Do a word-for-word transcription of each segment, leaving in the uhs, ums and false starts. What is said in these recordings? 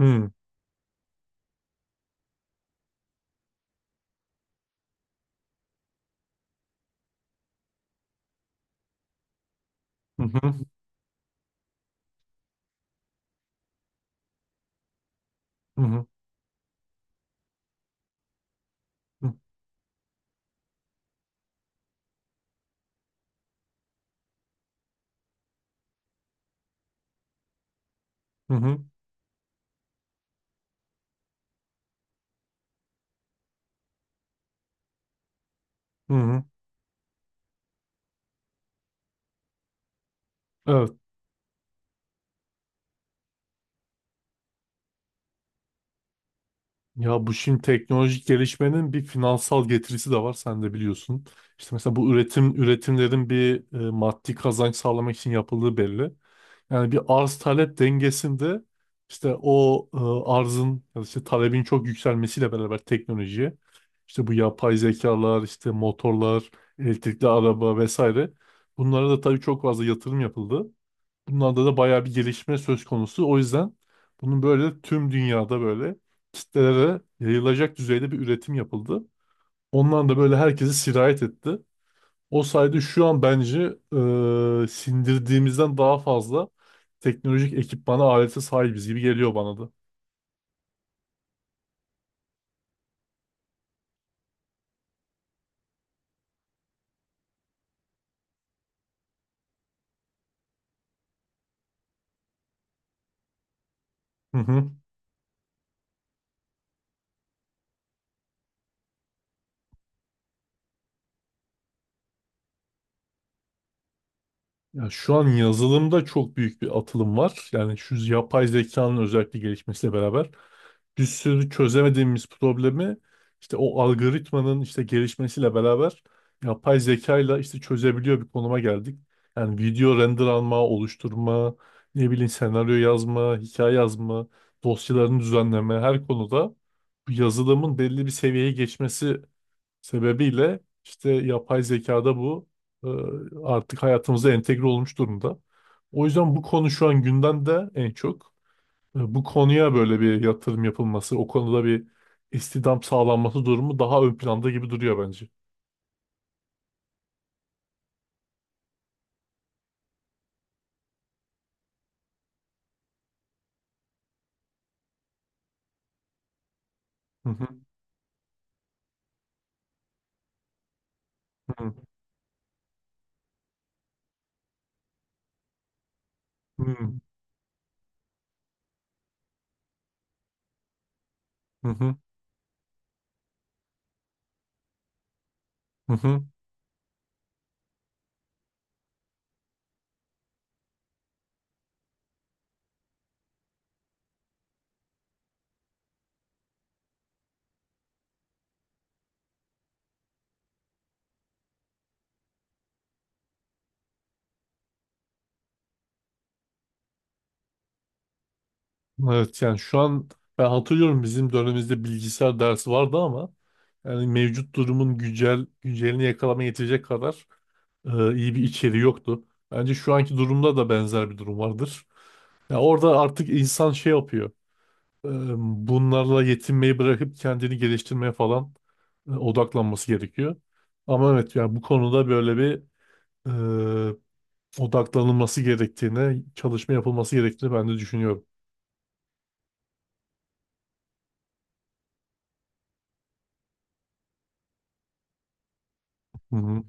Hı hı hı hı hı hı hı. Hı. Evet. Ya bu şimdi teknolojik gelişmenin bir finansal getirisi de var, sen de biliyorsun. İşte mesela bu üretim üretimlerin bir e, maddi kazanç sağlamak için yapıldığı belli. Yani bir arz talep dengesinde işte o e, arzın ya da işte talebin çok yükselmesiyle beraber teknolojiye, işte bu yapay zekalar, işte motorlar, elektrikli araba vesaire, bunlara da tabii çok fazla yatırım yapıldı. Bunlarda da bayağı bir gelişme söz konusu. O yüzden bunun böyle tüm dünyada böyle kitlelere yayılacak düzeyde bir üretim yapıldı. Ondan da böyle herkesi sirayet etti. O sayede şu an bence e, sindirdiğimizden daha fazla teknolojik ekipmana, alete sahibiz gibi geliyor bana da. Hı hı. Ya şu an yazılımda çok büyük bir atılım var. Yani şu yapay zekanın özellikle gelişmesiyle beraber bir sürü çözemediğimiz problemi işte o algoritmanın işte gelişmesiyle beraber yapay zekayla işte çözebiliyor bir konuma geldik. Yani video render alma, oluşturma, ne bileyim senaryo yazma, hikaye yazma, dosyalarını düzenleme, her konuda bu yazılımın belli bir seviyeye geçmesi sebebiyle işte yapay zekada bu e, artık hayatımıza entegre olmuş durumda. O yüzden bu konu şu an gündemde en çok. E, bu konuya böyle bir yatırım yapılması, o konuda bir istihdam sağlanması durumu daha ön planda gibi duruyor bence. Hı hı hı hı hı hı hı hı. Evet yani şu an ben hatırlıyorum, bizim dönemimizde bilgisayar dersi vardı ama yani mevcut durumun güncel güncelini yakalama yetecek kadar e, iyi bir içeriği yoktu. Bence şu anki durumda da benzer bir durum vardır. Ya orada artık insan şey yapıyor. e, Bunlarla yetinmeyi bırakıp kendini geliştirmeye falan e, odaklanması gerekiyor. Ama evet yani bu konuda böyle bir e, odaklanılması gerektiğine, çalışma yapılması gerektiğini ben de düşünüyorum. Hı hı.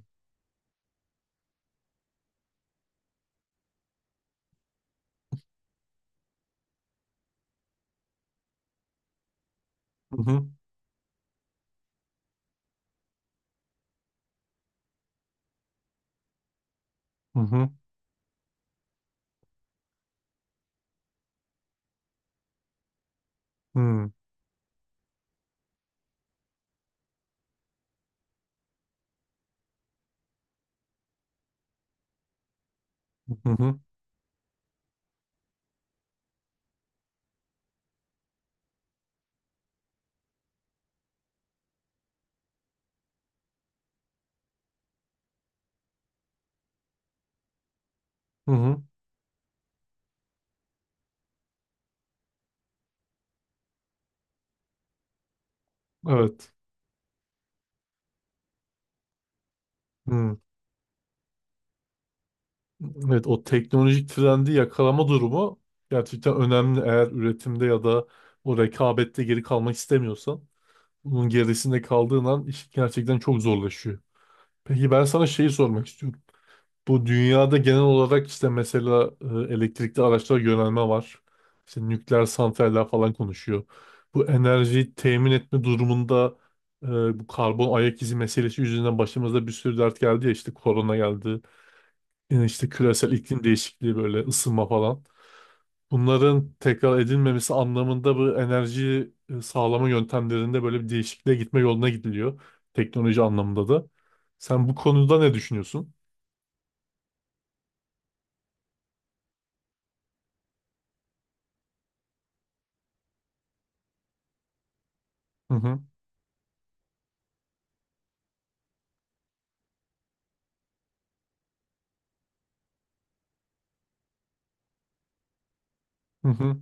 Hı hı. Hı hı. Hmm. Hı hı, hı hı, evet. Hmm. Evet, o teknolojik trendi yakalama durumu gerçekten önemli. Eğer üretimde ya da o rekabette geri kalmak istemiyorsan, bunun gerisinde kaldığın an iş gerçekten çok zorlaşıyor. Peki ben sana şeyi sormak istiyorum. Bu dünyada genel olarak işte mesela e, elektrikli araçlara yönelme var. İşte nükleer santraller falan konuşuyor. Bu enerjiyi temin etme durumunda e, bu karbon ayak izi meselesi yüzünden başımıza bir sürü dert geldi ya, işte korona geldi. Yine işte küresel iklim değişikliği, böyle ısınma falan. Bunların tekrar edilmemesi anlamında bu enerji e, sağlama yöntemlerinde böyle bir değişikliğe gitme yoluna gidiliyor. Teknoloji anlamında da. Sen bu konuda ne düşünüyorsun? Hı hı. Hı hı.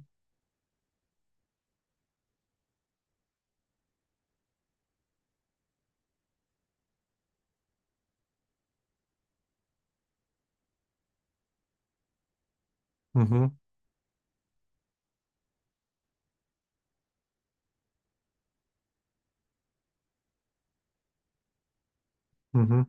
Hı hı. Hı hı.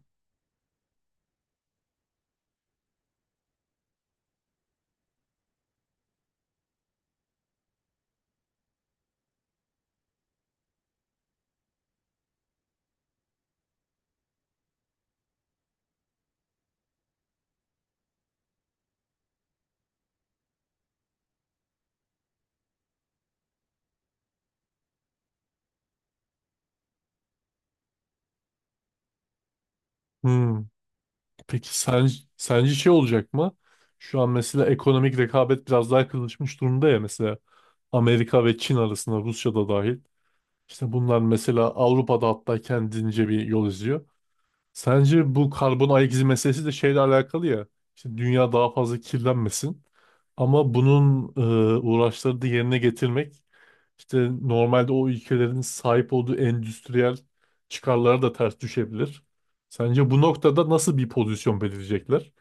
Hı. Peki sence, sence şey olacak mı? Şu an mesela ekonomik rekabet biraz daha kızışmış durumda ya, mesela Amerika ve Çin arasında, Rusya da dahil. İşte bunlar mesela Avrupa'da hatta kendince bir yol izliyor. Sence bu karbon ayak izi meselesi de şeyle alakalı ya. İşte dünya daha fazla kirlenmesin. Ama bunun e, uğraşları da yerine getirmek, İşte normalde o ülkelerin sahip olduğu endüstriyel çıkarlara da ters düşebilir. Sence bu noktada nasıl bir pozisyon belirleyecekler?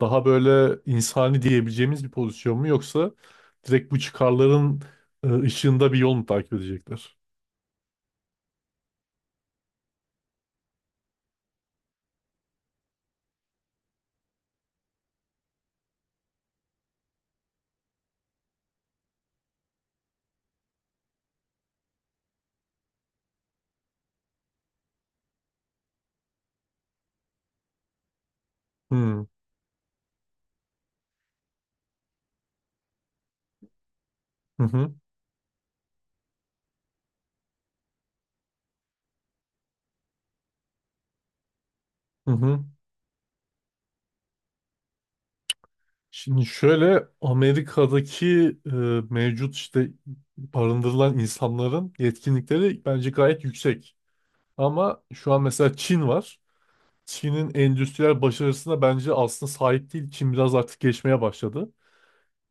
Daha böyle insani diyebileceğimiz bir pozisyon mu, yoksa direkt bu çıkarların e, ışığında bir yol mu takip edecekler? Hmm. Hı hı. Hı hı. Şimdi şöyle, Amerika'daki e, mevcut işte barındırılan insanların yetkinlikleri bence gayet yüksek. Ama şu an mesela Çin var. Çin'in endüstriyel başarısına bence aslında sahip değil. Çin biraz artık geçmeye başladı.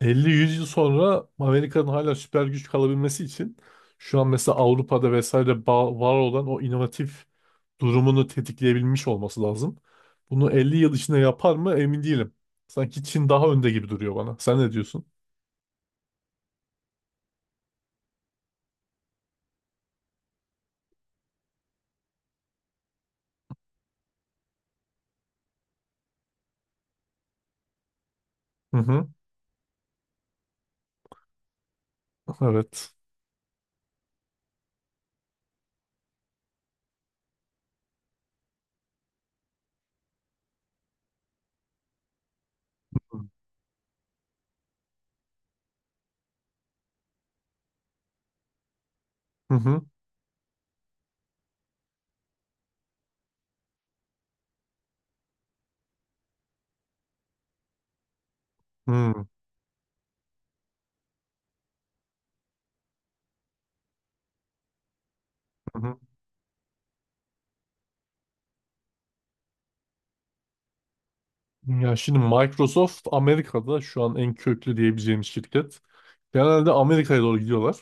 elli yüz yıl sonra Amerika'nın hala süper güç kalabilmesi için şu an mesela Avrupa'da vesaire ba- var olan o inovatif durumunu tetikleyebilmiş olması lazım. Bunu elli yıl içinde yapar mı emin değilim. Sanki Çin daha önde gibi duruyor bana. Sen ne diyorsun? Hı hı, evet. Hı hı, hı hı. Hı. Ya şimdi Microsoft Amerika'da şu an en köklü diyebileceğimiz şirket. Genelde Amerika'ya doğru gidiyorlar.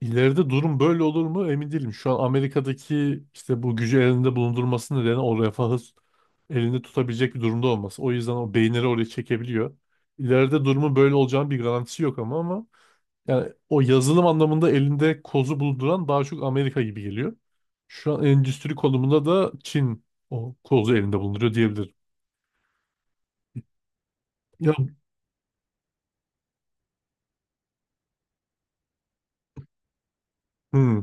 İleride durum böyle olur mu emin değilim. Şu an Amerika'daki işte bu gücü elinde bulundurması nedeni o refahı elinde tutabilecek bir durumda olması. O yüzden o beyinleri oraya çekebiliyor. İleride durumun böyle olacağının bir garantisi yok, ama ama yani o yazılım anlamında elinde kozu bulunduran daha çok Amerika gibi geliyor. Şu an endüstri konumunda da Çin o kozu elinde bulunduruyor diyebilirim. Ya, hmm.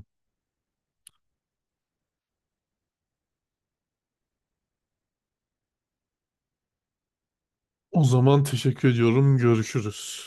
O zaman teşekkür ediyorum. Görüşürüz.